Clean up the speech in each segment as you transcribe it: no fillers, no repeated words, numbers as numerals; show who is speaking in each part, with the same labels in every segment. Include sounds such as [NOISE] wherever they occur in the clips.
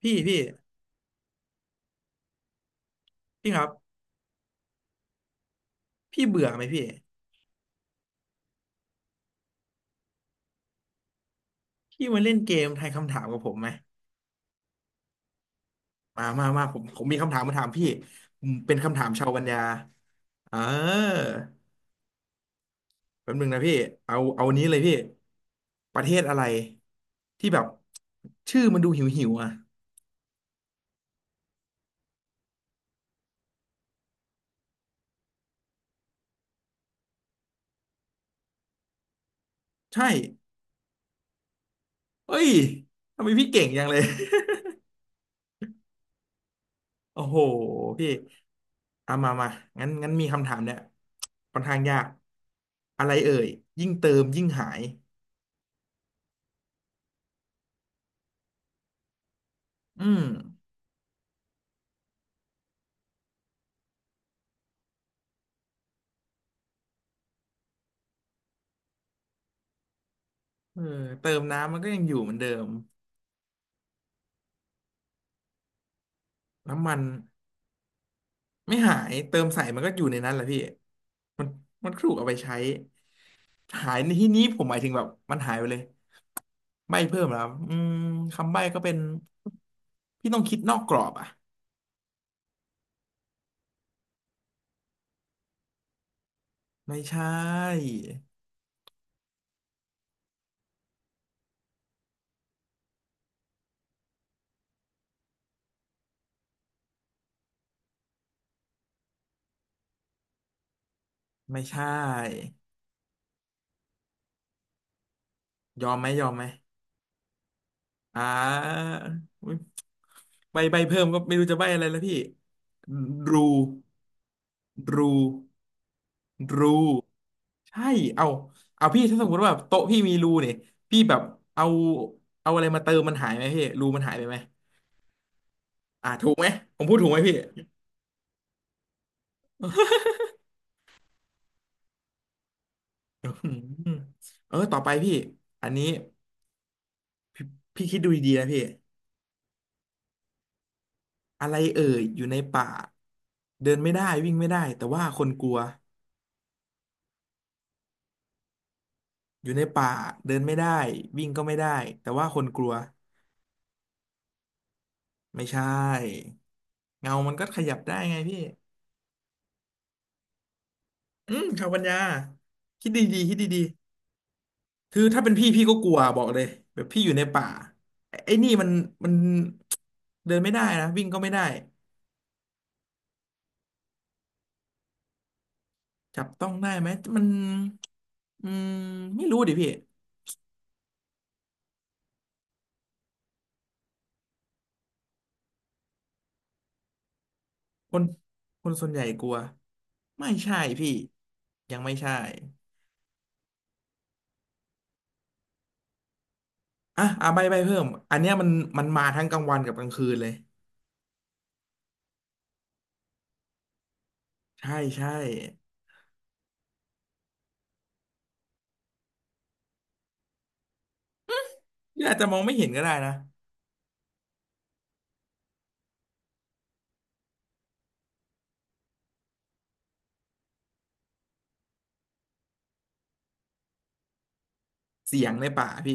Speaker 1: พี่พี่พี่ครับพี่เบื่อไหมพี่พี่มาเล่นเกมทายคำถามกับผมไหมมามามาผมมีคำถามมาถามพี่ผมเป็นคำถามชาวปัญญาเออแป๊บนึงนะพี่เอาอันนี้เลยพี่ประเทศอะไรที่แบบชื่อมันดูหิวหิวอ่ะใช่เอ้ยทำไมพี่เก่งจังเลย [LAUGHS] โอ้โหพี่เอามามางั้นงั้นมีคำถามเนี่ยค่อนข้างยากอะไรเอ่ยยิ่งเติมยิ่งหายอืม เออเติมน้ำมันก็ยังอยู่เหมือนเดิมน้ำมันไม่หายเติมใส่มันก็อยู่ในนั้นแหละพี่มันมันถูกเอาไปใช้หายในที่นี้ผมหมายถึงแบบมันหายไปเลยใบ้เพิ่มแล้วอืมคำใบ้ก็เป็นพี่ต้องคิดนอกกรอบอ่ะไม่ใช่ไม่ใช่ยอมไหมยอมไหมอ่าอุ๊ยใบเพิ่มก็ไม่รู้จะใบอะไรแล้วพี่รูรูรู ใช่ เอาพี่ถ้าสมมติว่าแบบโต๊ะพี่มีรูเนี่ยพี่แบบเอาอะไรมาเติมมันหายไหมพี่รูมันหายไปไหมอ่าถูกไหมผมพูดถูกไหมพี่อืมเออต่อไปพี่อันนี้พี่คิดดูดีๆนะพี่อะไรเอ่ยอยู่ในป่าเดินไม่ได้วิ่งไม่ได้แต่ว่าคนกลัวอยู่ในป่าเดินไม่ได้วิ่งก็ไม่ได้แต่ว่าคนกลัวไม่ใช่เงามันก็ขยับได้ไงพี่อืมชาวปัญญาคิดดีๆคิดดี คือถ้าเป็นพี่พี่ก็กลัวบอกเลยแบบพี่อยู่ในป่าไอ้นี่มันเดินไม่ได้นะวิ่งก็ไม่ได้จับต้องได้ไหมมันอืมไม่รู้ดิพี่คนคนส่วนใหญ่กลัวไม่ใช่พี่ยังไม่ใช่อ่ะอ่ะใบใบเพิ่มอันเนี้ยมันมาทั้งกลางวันกับกลางคืนเลยใช่ใช่พี่อาจจะมองไม่เห็นก็ได้นะเสียงในป่าพี่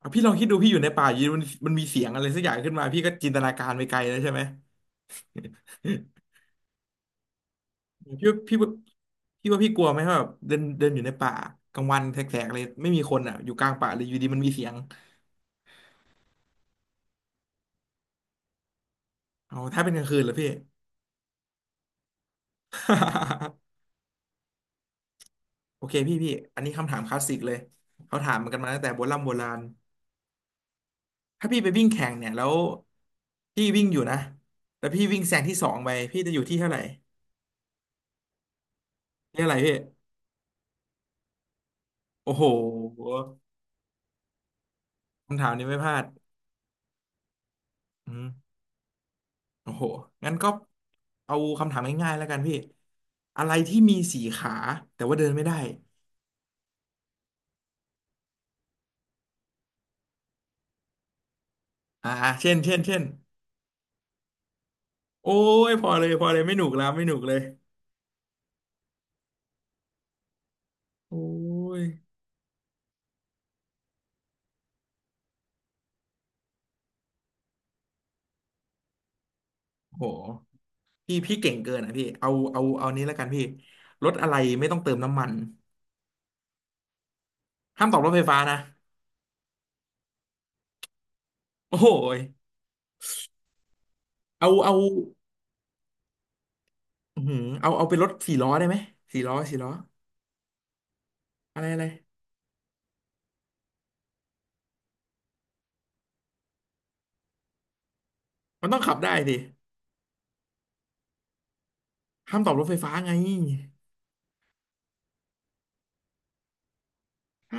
Speaker 1: อ่ะพี่ลองคิดดูพี่อยู่ในป่าอยู่ดีมันมีเสียงอะไรสักอย่างขึ้นมาพี่ก็จินตนาการไปไกลแล้วใช่ไหม พี่ว่าพี่ว่าพี่ว่าพี่กลัวไหมว่าแบบเดินเดินอยู่ในป่ากลางวันแสกๆเลยไม่มีคนอ่ะอยู่กลางป่าเลยอยู่ดีมันมีเสียงเอาถ้าเป็นกลางคืนเหรอพี่ [LAUGHS] โอเคพี่พี่อันนี้คำถามคลาสสิกเลยเขาถามกันมาตั้งแต่โบราณโบราณถ้าพี่ไปวิ่งแข่งเนี่ยแล้วพี่วิ่งอยู่นะแล้วพี่วิ่งแซงที่สองไปพี่จะอยู่ที่เท่าไหร่ที่เท่าไหร่พี่โอ้โหคำถามนี้ไม่พลาดอืมโอ้โหงั้นก็เอาคำถามง่ายๆแล้วกันพี่อะไรที่มีสี่ขาแต่ว่าเดินไม่ได้ อ่าเช่นเช่นเช่นโอ้ยพอเลยพอเลยไม่หนุกแล้วไม่หนุกเลยโอ้ยโหพี่พี่เก่งเกินอ่ะพี่เอาเอานี้แล้วกันพี่รถอะไรไม่ต้องเติมน้ำมันห้ามตอบรถไฟฟ้านะโอ้ยเอาเอาอื้อหือเอาเป็นรถสี่ล้อได้ไหมสี่ล้อสี่ล้ออะไรอะไรมันต้องขับได้สิห้ามตอบรถไฟฟ้าไงใช่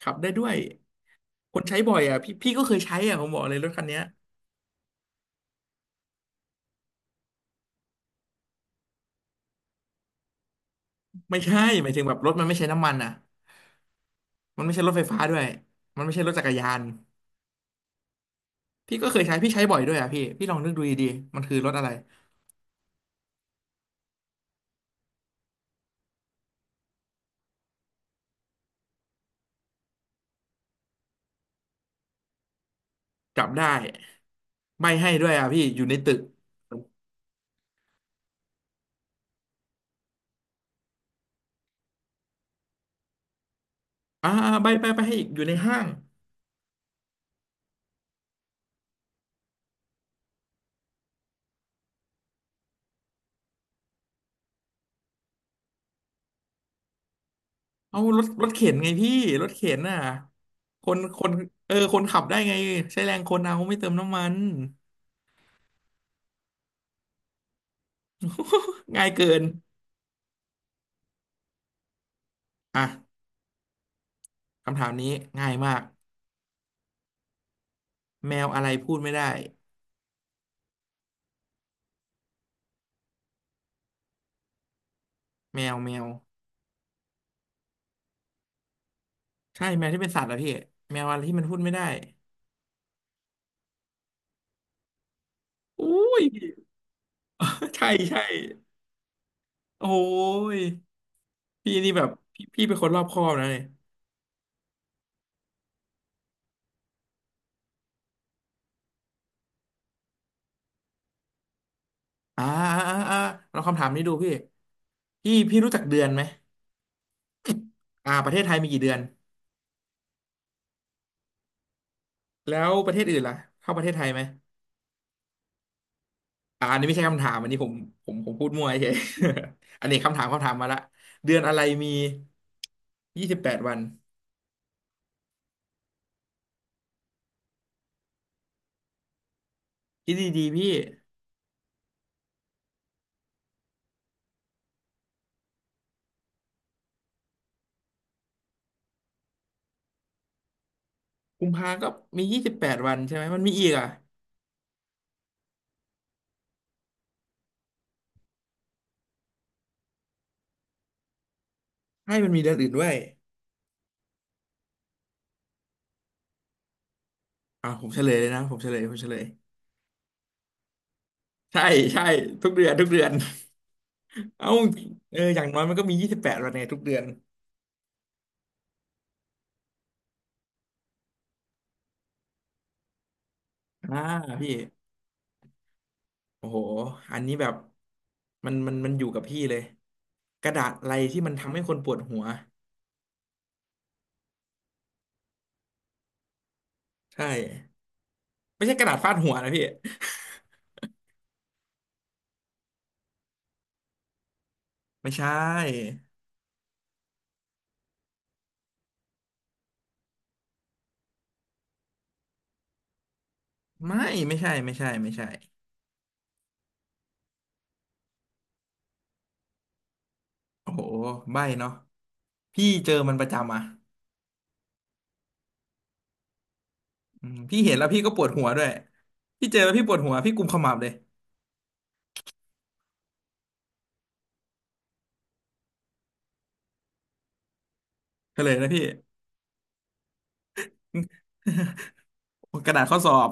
Speaker 1: ขับได้ด้วยคนใช้บ่อยอ่ะพี่พี่ก็เคยใช้อ่ะผมบอกเลยรถคันเนี้ยไม่ใช่หมายถึงแบบรถมันไม่ใช้น้ำมันอ่ะมันไม่ใช่รถไฟฟ้าด้วยมันไม่ใช่รถจักรยาน พี่ก็เคยใช้พี่ใช้บ่อยด้วยอ่ะพี่พี่ลองนึกดูดีๆมันคือรถอะไรจับได้ใบให้ด้วยอ่ะพี่อยู่ในตึกอ่าใบไปไปให้อีกอยู่ในห้างเอารถรถเข็นไงพี่รถเข็นน่ะคนคนเออคนขับได้ไงใช้แรงคนเอาไม่เติมน้ำมัน [LAUGHS] ง่ายเกินอ่ะคำถามนี้ง่ายมากแมวอะไรพูดไม่ได้แมวแมวใช่แมวที่เป็นสัตว์เหรอพี่แมวอะไรที่มันพูดไม่ได้อุ้ย [LAUGHS] ใช่ใช่โอ้ย พี่นี่แบบพี่พี่เป็นคนรอบคอบนะเนี่ยอ่าอ่าอ่าอ่าลองคำถามนี้ดูพี่พี่พี่รู้จักเดือนไหมอ่าประเทศไทยมีกี่เดือนแล้วประเทศอื่นล่ะเข้าประเทศไทยไหมอ่าอันนี้ไม่ใช่คำถามอันนี้ผมผมพูดมั่วเฉย [LAUGHS] อันนี้คำถามคำถามมาละเดือนอะไรมียี่สิบแปดวันคิดดีๆพี่กุมภาก็มียี่สิบแปดวันใช่ไหมมันมีอีกอ่ะให้มันมีเดือนอื่นด้วยอ่าผมเฉลยเลยนะผมเฉลยผมเฉลยใช่ใช่ทุกเดือนทุกเดือน เอ้าเอออย่างน้อยมันก็มียี่สิบแปดวันในทุกเดือนอ่าพี่โอ้โหอันนี้แบบมันอยู่กับพี่เลยกระดาษอะไรที่มันทำให้คนปวดหัวใช่ไม่ใช่กระดาษฟาดหัวนะพี่ไม่ใช่ไม่ไม่ใช่ไม่ใช่ไม่ใช่โอ้โหใบ้เนาะพี่เจอมันประจำอ่ะอืมพี่เห็นแล้วพี่ก็ปวดหัวด้วยพี่เจอแล้วพี่ปวดหัวพี่กุมขมับเลยเฉลยนะพี่ [LAUGHS] กระดาษข้อสอบ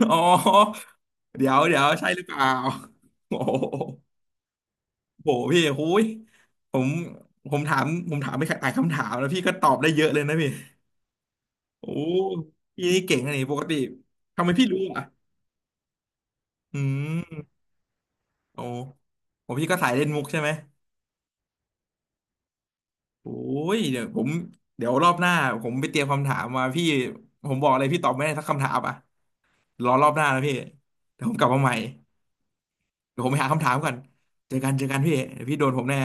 Speaker 1: อ๋อเดี๋ยวเดี๋ยวใช่หรือเปล่าโอ้โหโหพี่โอ้ยผมผมถามผมถามไปหลายคำถามแล้วพี่ก็ตอบได้เยอะเลยนะพี่โอ้พี่นี่เก่งนะนี่ปกติทำไมพี่รู้อ่ะอืมโอ้โอ้พี่ก็สายเล่นมุกใช่ไหมโอ้ยเดี๋ยวผมเดี๋ยวรอบหน้าผมไปเตรียมคำถามมาพี่ผมบอกเลยพี่ตอบไม่ได้สักคำถามอ่ะรอรอบหน้านะพี่เดี๋ยวผมกลับมาใหม่เดี๋ยวผมไปหาคำถามก่อนเจอกันเจอกันพี่เดี๋ยวพี่โดนผมแน่